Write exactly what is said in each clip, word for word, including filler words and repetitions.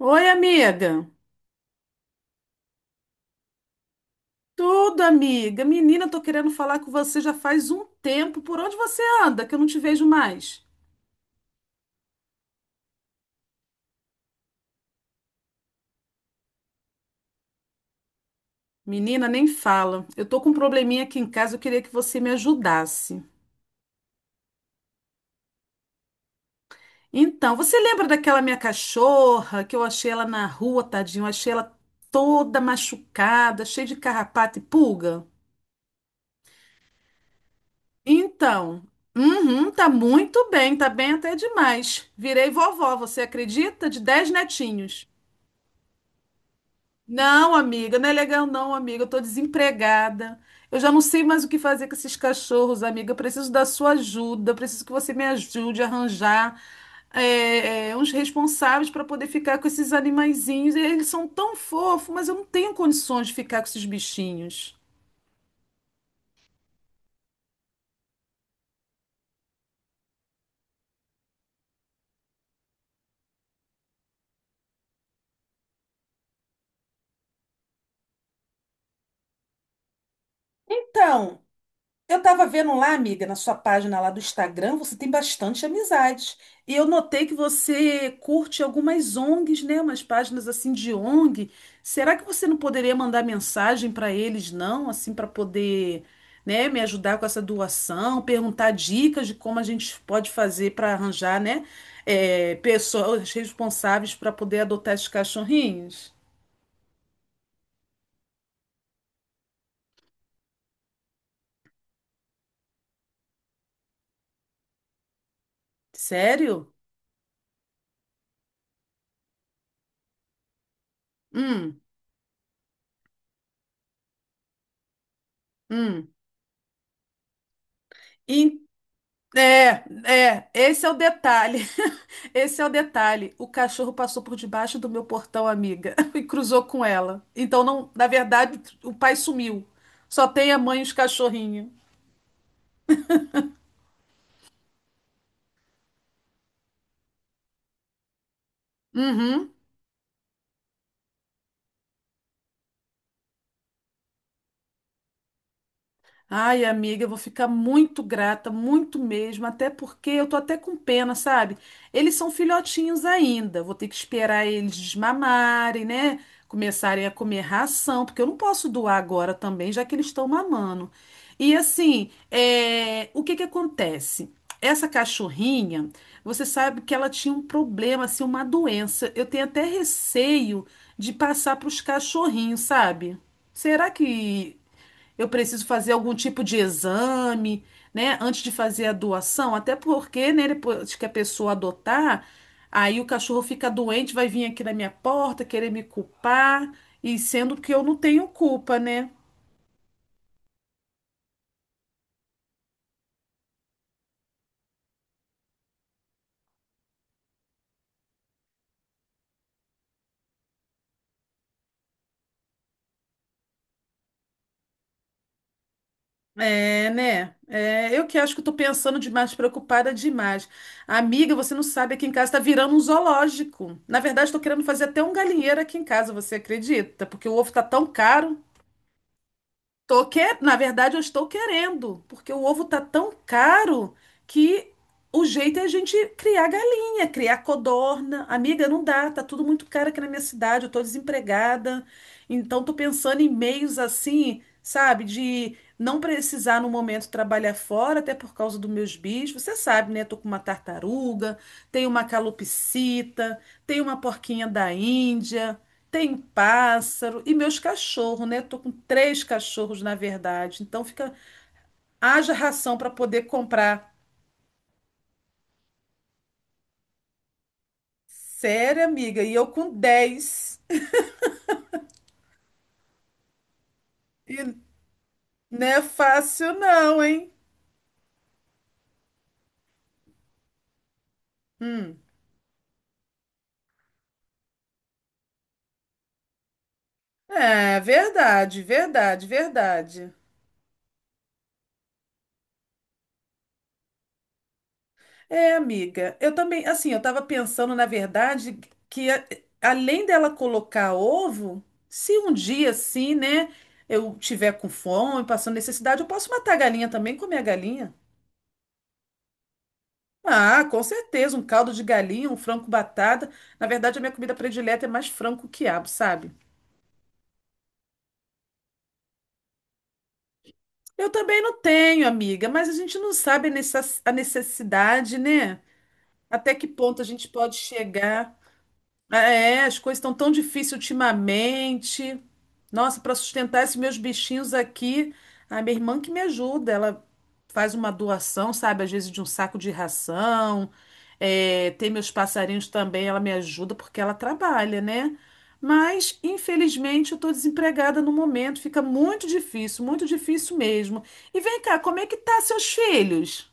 Oi, amiga. Tudo, amiga. Menina, tô querendo falar com você já faz um tempo. Por onde você anda, que eu não te vejo mais? Menina, nem fala. Eu tô com um probleminha aqui em casa, eu queria que você me ajudasse. Então, você lembra daquela minha cachorra que eu achei ela na rua, tadinho? Eu achei ela toda machucada, cheia de carrapato e pulga? Então, uhum, tá muito bem, tá bem até demais. Virei vovó, você acredita? De dez netinhos. Não, amiga, não é legal não, amiga. Eu tô desempregada. Eu já não sei mais o que fazer com esses cachorros, amiga. Eu preciso da sua ajuda. Eu preciso que você me ajude a arranjar é, é, uns responsáveis para poder ficar com esses animaizinhos. Eles são tão fofos, mas eu não tenho condições de ficar com esses bichinhos. Então, eu tava vendo lá, amiga, na sua página lá do Instagram, você tem bastante amizades. E eu notei que você curte algumas O N Gs, né? Umas páginas assim de O N G. Será que você não poderia mandar mensagem para eles, não? Assim, para poder, né, me ajudar com essa doação, perguntar dicas de como a gente pode fazer para arranjar, né, é, pessoas responsáveis para poder adotar esses cachorrinhos? Sério? Hum, hum. E- É, é, esse é o detalhe. Esse é o detalhe. O cachorro passou por debaixo do meu portão, amiga, e cruzou com ela. Então, não, na verdade, o pai sumiu. Só tem a mãe e os cachorrinhos. Uhum. Ai, amiga, eu vou ficar muito grata, muito mesmo, até porque eu tô até com pena, sabe? Eles são filhotinhos ainda, vou ter que esperar eles desmamarem, né? Começarem a comer ração, porque eu não posso doar agora também, já que eles estão mamando. E assim, é, o que que acontece? Essa cachorrinha, você sabe que ela tinha um problema, assim, uma doença. Eu tenho até receio de passar para os cachorrinhos, sabe? Será que eu preciso fazer algum tipo de exame, né, antes de fazer a doação, até porque, né, depois que a pessoa adotar, aí o cachorro fica doente, vai vir aqui na minha porta querer me culpar, e sendo que eu não tenho culpa, né? É, né? É, eu que acho que eu tô pensando demais, preocupada demais. Amiga, você não sabe, aqui em casa tá virando um zoológico. Na verdade, tô querendo fazer até um galinheiro aqui em casa, você acredita? Porque o ovo tá tão caro. Tô que... Na verdade, eu estou querendo, porque o ovo tá tão caro que o jeito é a gente criar galinha, criar codorna. Amiga, não dá, tá tudo muito caro aqui na minha cidade, eu tô desempregada. Então, tô pensando em meios assim, sabe, de não precisar no momento trabalhar fora, até por causa dos meus bichos. Você sabe, né? Tô com uma tartaruga, tenho uma calopsita, tenho uma porquinha da Índia. Tem pássaro e meus cachorros, né? Tô com três cachorros, na verdade. Então fica, haja ração para poder comprar. Sério, amiga, e eu com dez. E não é fácil não, hein? Hum. É, verdade, verdade, verdade. É, amiga, eu também, assim, eu tava pensando, na verdade, que a- além dela colocar ovo, se um dia assim, né, eu tiver com fome, passando necessidade, eu posso matar a galinha também, comer a galinha. Ah, com certeza, um caldo de galinha, um frango com batata. Na verdade, a minha comida predileta é mais frango que quiabo, sabe? Eu também não tenho, amiga, mas a gente não sabe a necess- a necessidade, né? Até que ponto a gente pode chegar. É, é, as coisas estão tão difíceis ultimamente. Nossa, para sustentar esses meus bichinhos aqui, a minha irmã que me ajuda, ela faz uma doação, sabe, às vezes de um saco de ração. É, tem meus passarinhos também, ela me ajuda porque ela trabalha, né? Mas, infelizmente, eu tô desempregada no momento, fica muito difícil, muito difícil mesmo. E vem cá, como é que tá seus filhos?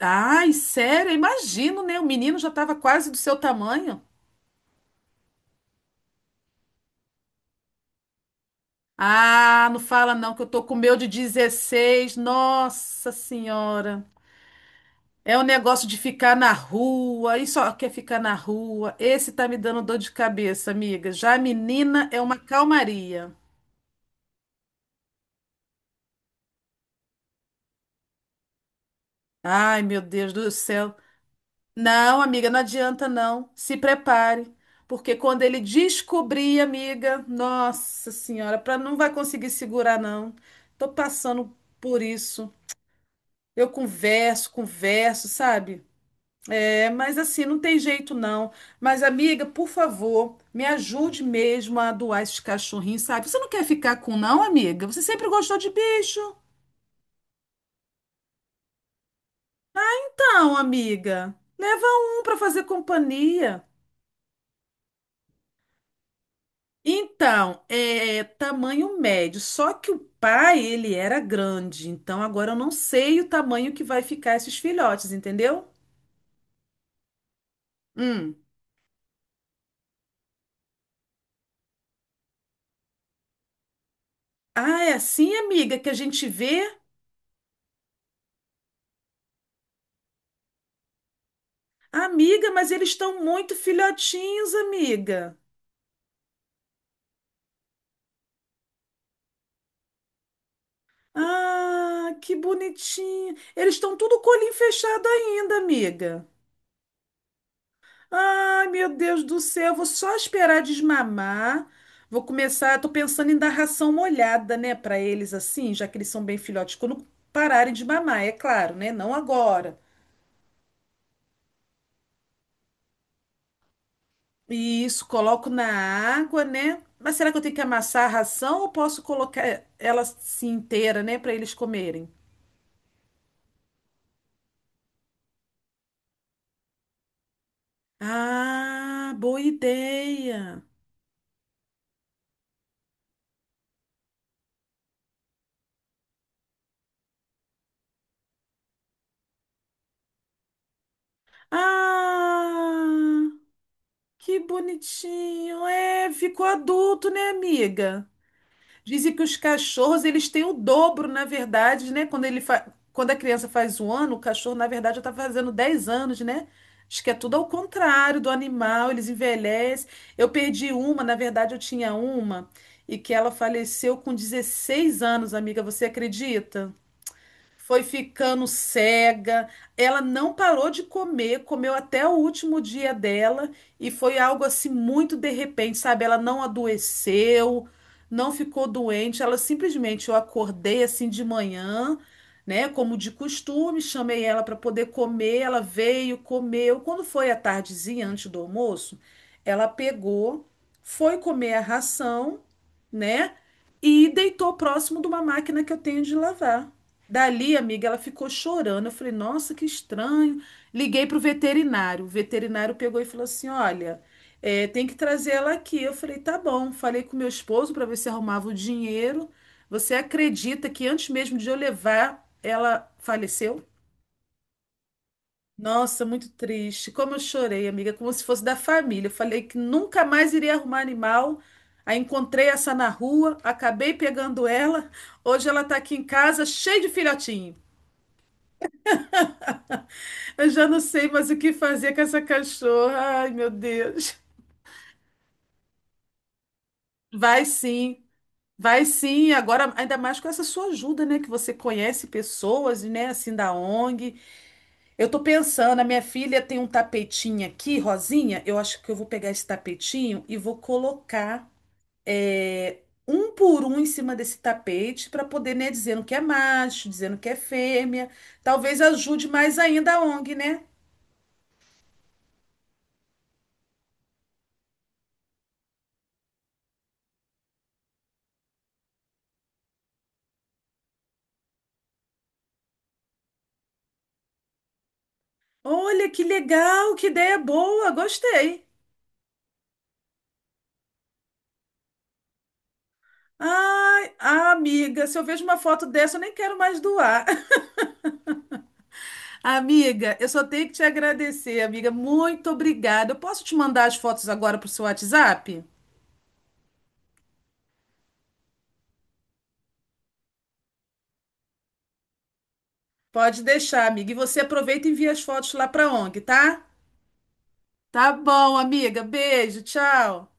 Ai, sério, eu imagino, né? O menino já estava quase do seu tamanho. Ah, não fala não, que eu tô com o meu de dezesseis. Nossa Senhora. É o negócio de ficar na rua, e só quer ficar na rua. Esse tá me dando dor de cabeça, amiga. Já a menina é uma calmaria. Ai, meu Deus do céu. Não, amiga, não adianta não. Se prepare, porque quando ele descobrir, amiga, nossa senhora, para não vai conseguir segurar não. Tô passando por isso. Eu converso, converso, sabe? É, mas assim, não tem jeito não. Mas, amiga, por favor, me ajude mesmo a doar esses cachorrinhos, sabe? Você não quer ficar com, não, amiga? Você sempre gostou de bicho? Então, amiga, leva um para fazer companhia. Então, é é tamanho médio. Só que o pai, ele era grande. Então, agora eu não sei o tamanho que vai ficar esses filhotes, entendeu? Hum. Ah, é assim, amiga, que a gente vê? Amiga, mas eles estão muito filhotinhos, amiga. Ah, que bonitinho. Eles estão tudo com o olhinho fechado ainda, amiga. Ai, meu Deus do céu, vou só esperar desmamar. Vou começar, tô pensando em dar ração molhada, né, para eles assim, já que eles são bem filhotes, quando pararem de mamar, é claro, né? Não agora. E isso, coloco na água, né? Mas será que eu tenho que amassar a ração ou posso colocar ela assim inteira, né, para eles comerem? Ah, boa ideia. Ah! Que bonitinho. É, ficou adulto, né, amiga? Dizem que os cachorros, eles têm o dobro, na verdade, né? Quando ele fa... Quando a criança faz um ano, o cachorro, na verdade, já está fazendo dez anos, né? Acho que é tudo ao contrário do animal, eles envelhecem. Eu perdi uma, na verdade, eu tinha uma, e que ela faleceu com dezesseis anos, amiga. Você acredita? Foi ficando cega. Ela não parou de comer, comeu até o último dia dela e foi algo assim muito de repente, sabe? Ela não adoeceu, não ficou doente, ela simplesmente eu acordei assim de manhã, né, como de costume, chamei ela para poder comer, ela veio, comeu. Quando foi à tardezinha, antes do almoço, ela pegou, foi comer a ração, né? E deitou próximo de uma máquina que eu tenho de lavar. Dali, amiga, ela ficou chorando. Eu falei, nossa, que estranho. Liguei pro veterinário. O veterinário pegou e falou assim: olha, é, tem que trazer ela aqui. Eu falei, tá bom. Falei com meu esposo para ver se arrumava o dinheiro. Você acredita que antes mesmo de eu levar, ela faleceu? Nossa, muito triste. Como eu chorei, amiga, como se fosse da família. Eu falei que nunca mais iria arrumar animal. Aí encontrei essa na rua, acabei pegando ela. Hoje ela tá aqui em casa, cheia de filhotinho. Eu já não sei mais o que fazer com essa cachorra. Ai, meu Deus. Vai sim, vai sim. Agora, ainda mais com essa sua ajuda, né? Que você conhece pessoas, né? Assim, da O N G. Eu tô pensando, a minha filha tem um tapetinho aqui, rosinha. Eu acho que eu vou pegar esse tapetinho e vou colocar é, um por um em cima desse tapete para poder, né? Dizendo que é macho, dizendo que é fêmea. Talvez ajude mais ainda a O N G, né? Olha que legal, que ideia boa, gostei. Ai, ah, amiga, se eu vejo uma foto dessa, eu nem quero mais doar. Amiga, eu só tenho que te agradecer, amiga. Muito obrigada. Eu posso te mandar as fotos agora para o seu WhatsApp? Pode deixar, amiga. E você aproveita e envia as fotos lá para O N G, tá? Tá bom, amiga. Beijo, tchau.